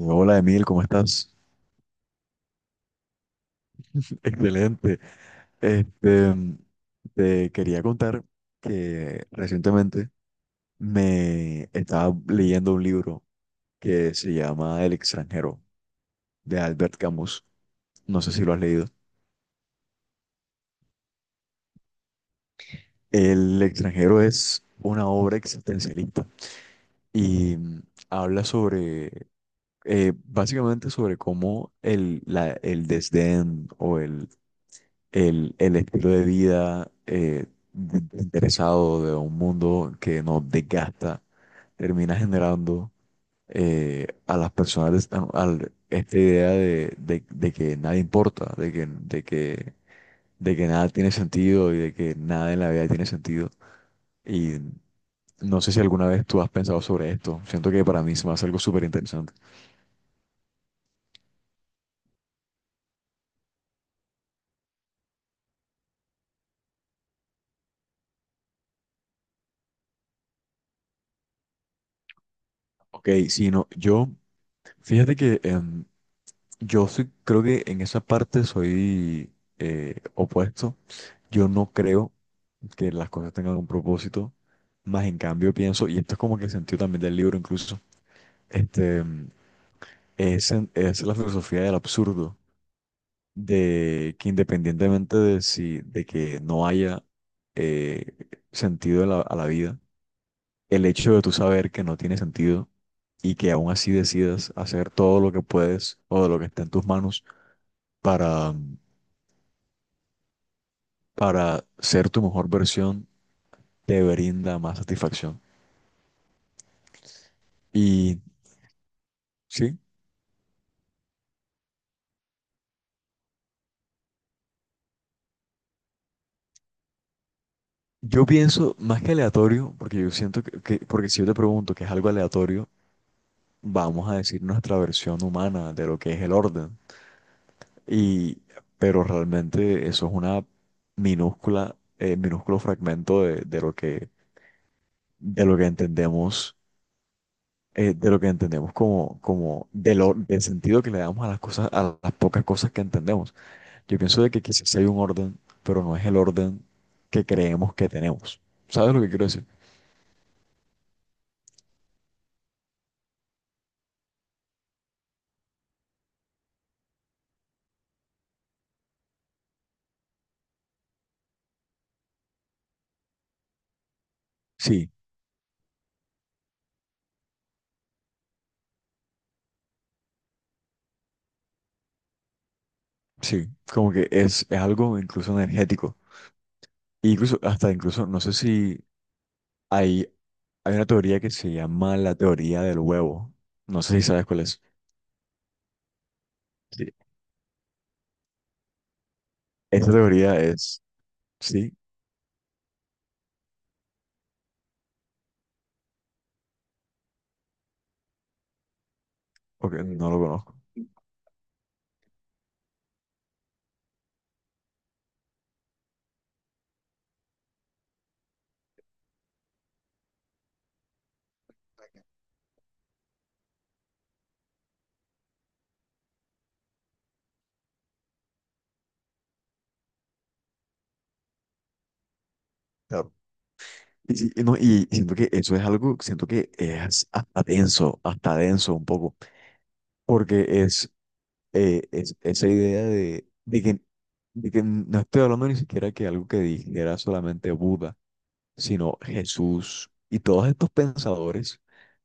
Hola Emil, ¿cómo estás? Excelente. Este, te quería contar que recientemente me estaba leyendo un libro que se llama El extranjero de Albert Camus. No sé si lo has leído. El extranjero es una obra existencialista y habla sobre, básicamente sobre cómo el desdén o el estilo de vida interesado de un mundo que nos desgasta, termina generando a las personas esta idea de que nada importa, de que nada tiene sentido y de que nada en la vida tiene sentido. Y no sé si alguna vez tú has pensado sobre esto. Siento que para mí se me hace algo súper interesante. Ok, si no, yo, fíjate que. Yo sí creo que en esa parte soy opuesto. Yo no creo que las cosas tengan un propósito, más en cambio pienso, y esto es como que el sentido también del libro incluso, este, es, es la filosofía del absurdo, de que independientemente de que no haya eh, sentido a la vida, el hecho de tú saber que no tiene sentido y que aún así decidas hacer todo lo que puedes o de lo que está en tus manos para ser tu mejor versión te brinda más satisfacción. Y sí, yo pienso más que aleatorio, porque yo siento porque si yo te pregunto que es algo aleatorio, vamos a decir nuestra versión humana de lo que es el orden. Y, pero realmente eso es una minúscula, minúsculo fragmento de lo que, entendemos. De lo que entendemos como, de lo, del sentido que le damos a las cosas, a las pocas cosas que entendemos. Yo pienso de que quizás sí hay un orden, pero no es el orden que creemos que tenemos. ¿Sabes lo que quiero decir? Sí, sí, como que es algo incluso energético. E incluso, hasta incluso, no sé si hay, hay una teoría que se llama la teoría del huevo. No sé si sabes cuál es. Sí. Esa teoría es, sí, ok, no lo conozco. Claro. Y sí, y no, y siento que eso es algo, siento que es hasta denso un poco, porque es esa idea de que no estoy hablando ni siquiera que algo que dijera solamente Buda, sino Jesús y todos estos pensadores,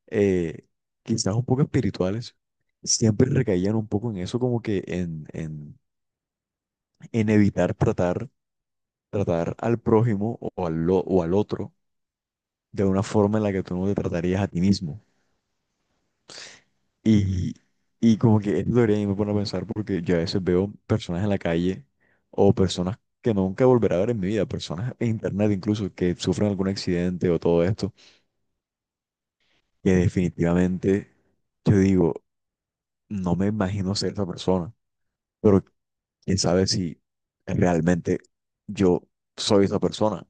eh, quizás un poco espirituales, siempre recaían un poco en eso, como que en evitar tratar, al prójimo o al otro de una forma en la que tú no te tratarías a ti mismo. Y, y como que esto debería me pone a pensar porque yo a veces veo personas en la calle o personas que nunca volveré a ver en mi vida, personas en internet incluso que sufren algún accidente o todo esto, que definitivamente yo digo, no me imagino ser esa persona, pero quién sabe si realmente yo soy esa persona,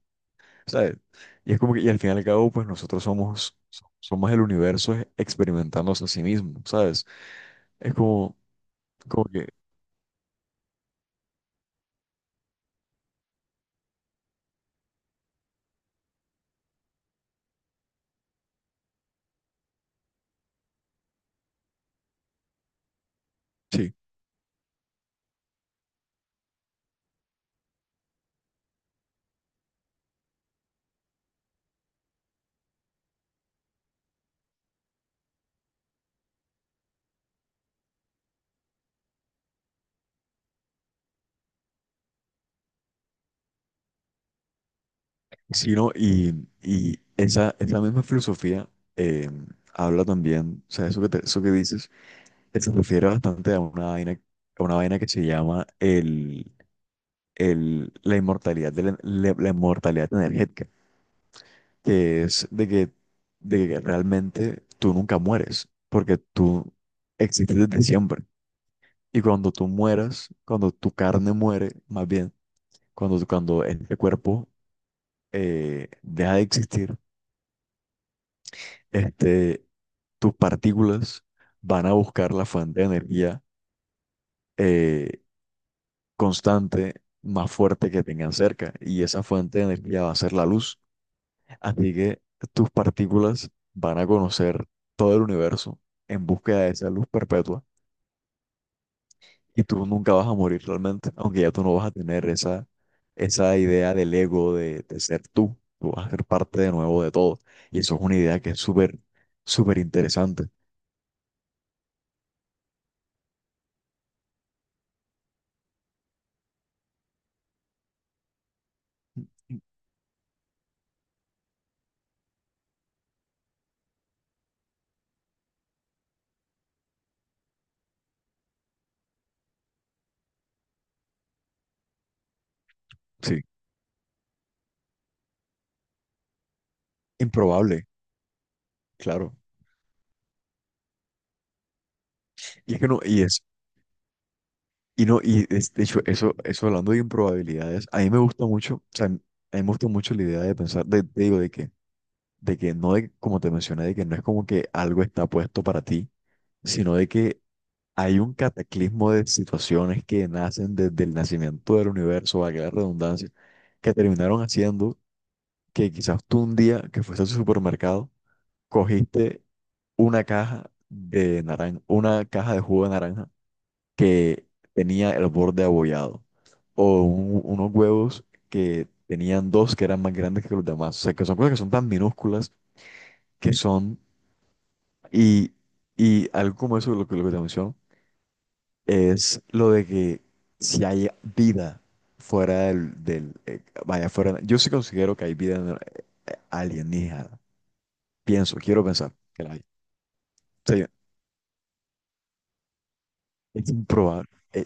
¿sabes? Y es como que, y al fin y al cabo, pues nosotros somos el universo experimentándose a sí mismo, ¿sabes? Es como, como que, sí. Sí, ¿no? Y esa, misma filosofía eh, habla también, o sea, eso eso que dices, se refiere bastante a una vaina que se llama la inmortalidad, la inmortalidad energética, que es de que realmente tú nunca mueres, porque tú existes desde siempre. Y cuando tú mueras, cuando tu carne muere, más bien, cuando este cuerpo deja de existir, este tus partículas van a buscar la fuente de energía eh, constante más fuerte que tengan cerca y esa fuente de energía va a ser la luz. Así que tus partículas van a conocer todo el universo en búsqueda de esa luz perpetua y tú nunca vas a morir realmente, aunque ya tú no vas a tener esa idea del ego de ser tú. Tú vas a ser parte de nuevo de todo. Y eso es una idea que es súper, súper interesante. Sí, improbable, claro. Y es que no, y es, y no, de hecho, eso hablando de improbabilidades, a mí me gusta mucho, o sea, a mí me gusta mucho la idea de pensar, de, te digo, de que no, de, como te mencioné, de que no es como que algo está puesto para ti, sino de que hay un cataclismo de situaciones que nacen desde el nacimiento del universo, valga la redundancia, que terminaron haciendo que quizás tú un día que fuiste al supermercado, cogiste una caja de naranja, una caja de jugo de naranja que tenía el borde abollado. O unos huevos que tenían dos que eran más grandes que los demás. O sea, que son cosas que son tan minúsculas que son. Y, y algo como eso, lo que te menciono, es lo de que si hay vida fuera del vaya, fuera. Yo sí considero que hay vida alienígena. Pienso, quiero pensar que la hay. O sea, es improbable.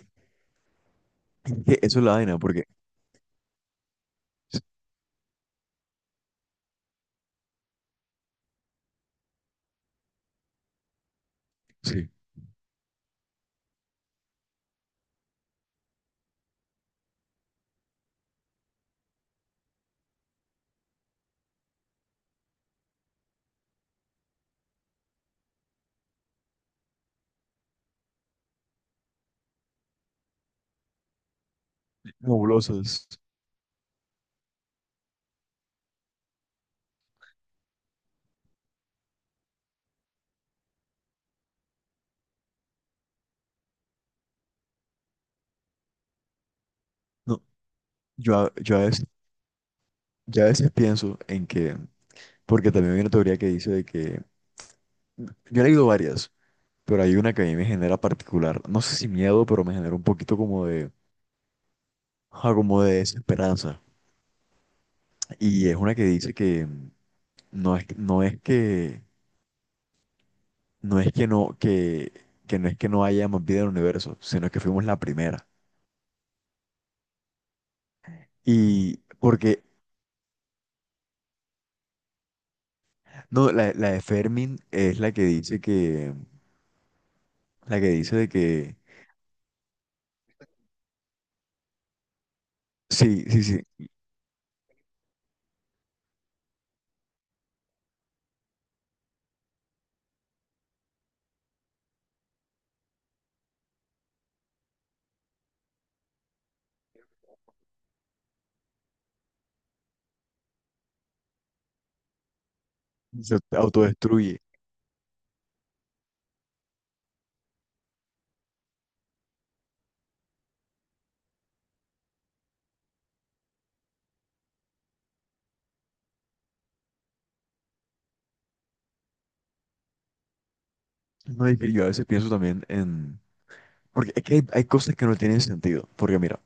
eso es la vaina, porque. Sí. Nebulosas. No, yo, yo a veces ya a veces pienso en que, porque también hay una teoría que dice de que, yo he leído varias, pero hay una que a mí me genera particular, no sé si miedo, pero me genera un poquito como de, ah, como de desesperanza. Y es una que dice que no es, no es que, no es que no es que no haya más vida en el universo, sino que fuimos la primera. Y porque, no, la de Fermin es la que dice que, la que dice de que, sí, sí, sí, se autodestruye. No, y yo a veces pienso también en. Porque es que hay, cosas que no tienen sentido. Porque mira,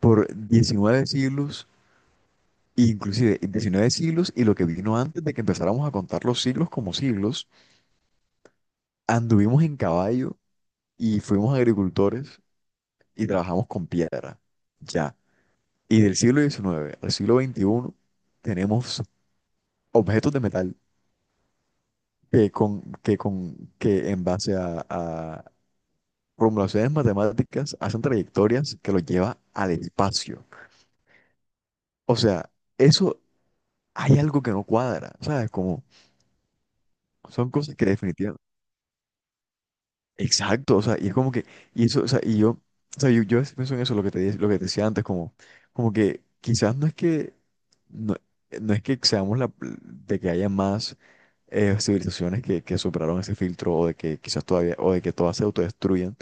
por 19 siglos, inclusive 19 siglos y lo que vino antes de que empezáramos a contar los siglos como siglos, anduvimos en caballo y fuimos agricultores y trabajamos con piedra. Ya. Y del siglo XIX al siglo XXI tenemos objetos de metal que con, que en base a formulaciones matemáticas hacen trayectorias que los lleva al espacio. O sea, eso hay algo que no cuadra, ¿sabes? Como son cosas que definitivamente. Exacto, o sea, y es como que, y eso, o sea, y yo, o sea, yo, a veces pienso en eso, lo que te, lo que te decía antes, como, como que quizás no es que, no, no es que seamos la, de que haya más civilizaciones que superaron ese filtro o de que quizás todavía, o de que todas se autodestruyan.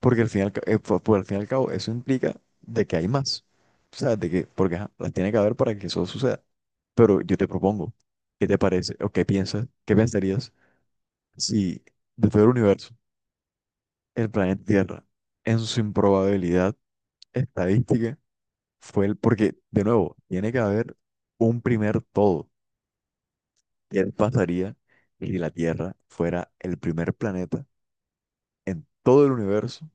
Porque al fin y al, al fin y al cabo eso implica de que hay más. O sea, de que, porque ajá, las tiene que haber para que eso suceda. Pero yo te propongo, ¿qué te parece o qué piensas, qué pensarías si de todo el universo, el planeta Tierra, en su improbabilidad estadística, fue el, porque de nuevo, tiene que haber un primer todo. ¿Qué pasaría si la Tierra fuera el primer planeta en todo el universo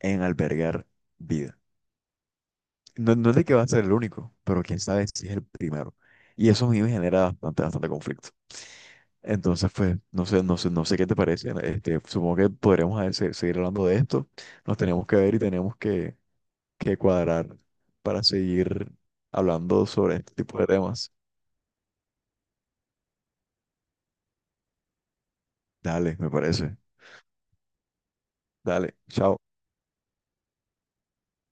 en albergar vida? No, no es de que va a ser el único, pero quién sabe si es el primero. Y eso a mí me genera bastante, bastante conflicto. Entonces, pues, no sé, no sé, no sé qué te parece. Supongo que podremos a ver, seguir hablando de esto. Nos tenemos que ver y tenemos que, cuadrar para seguir hablando sobre este tipo de temas. Dale, me parece. Dale, chao.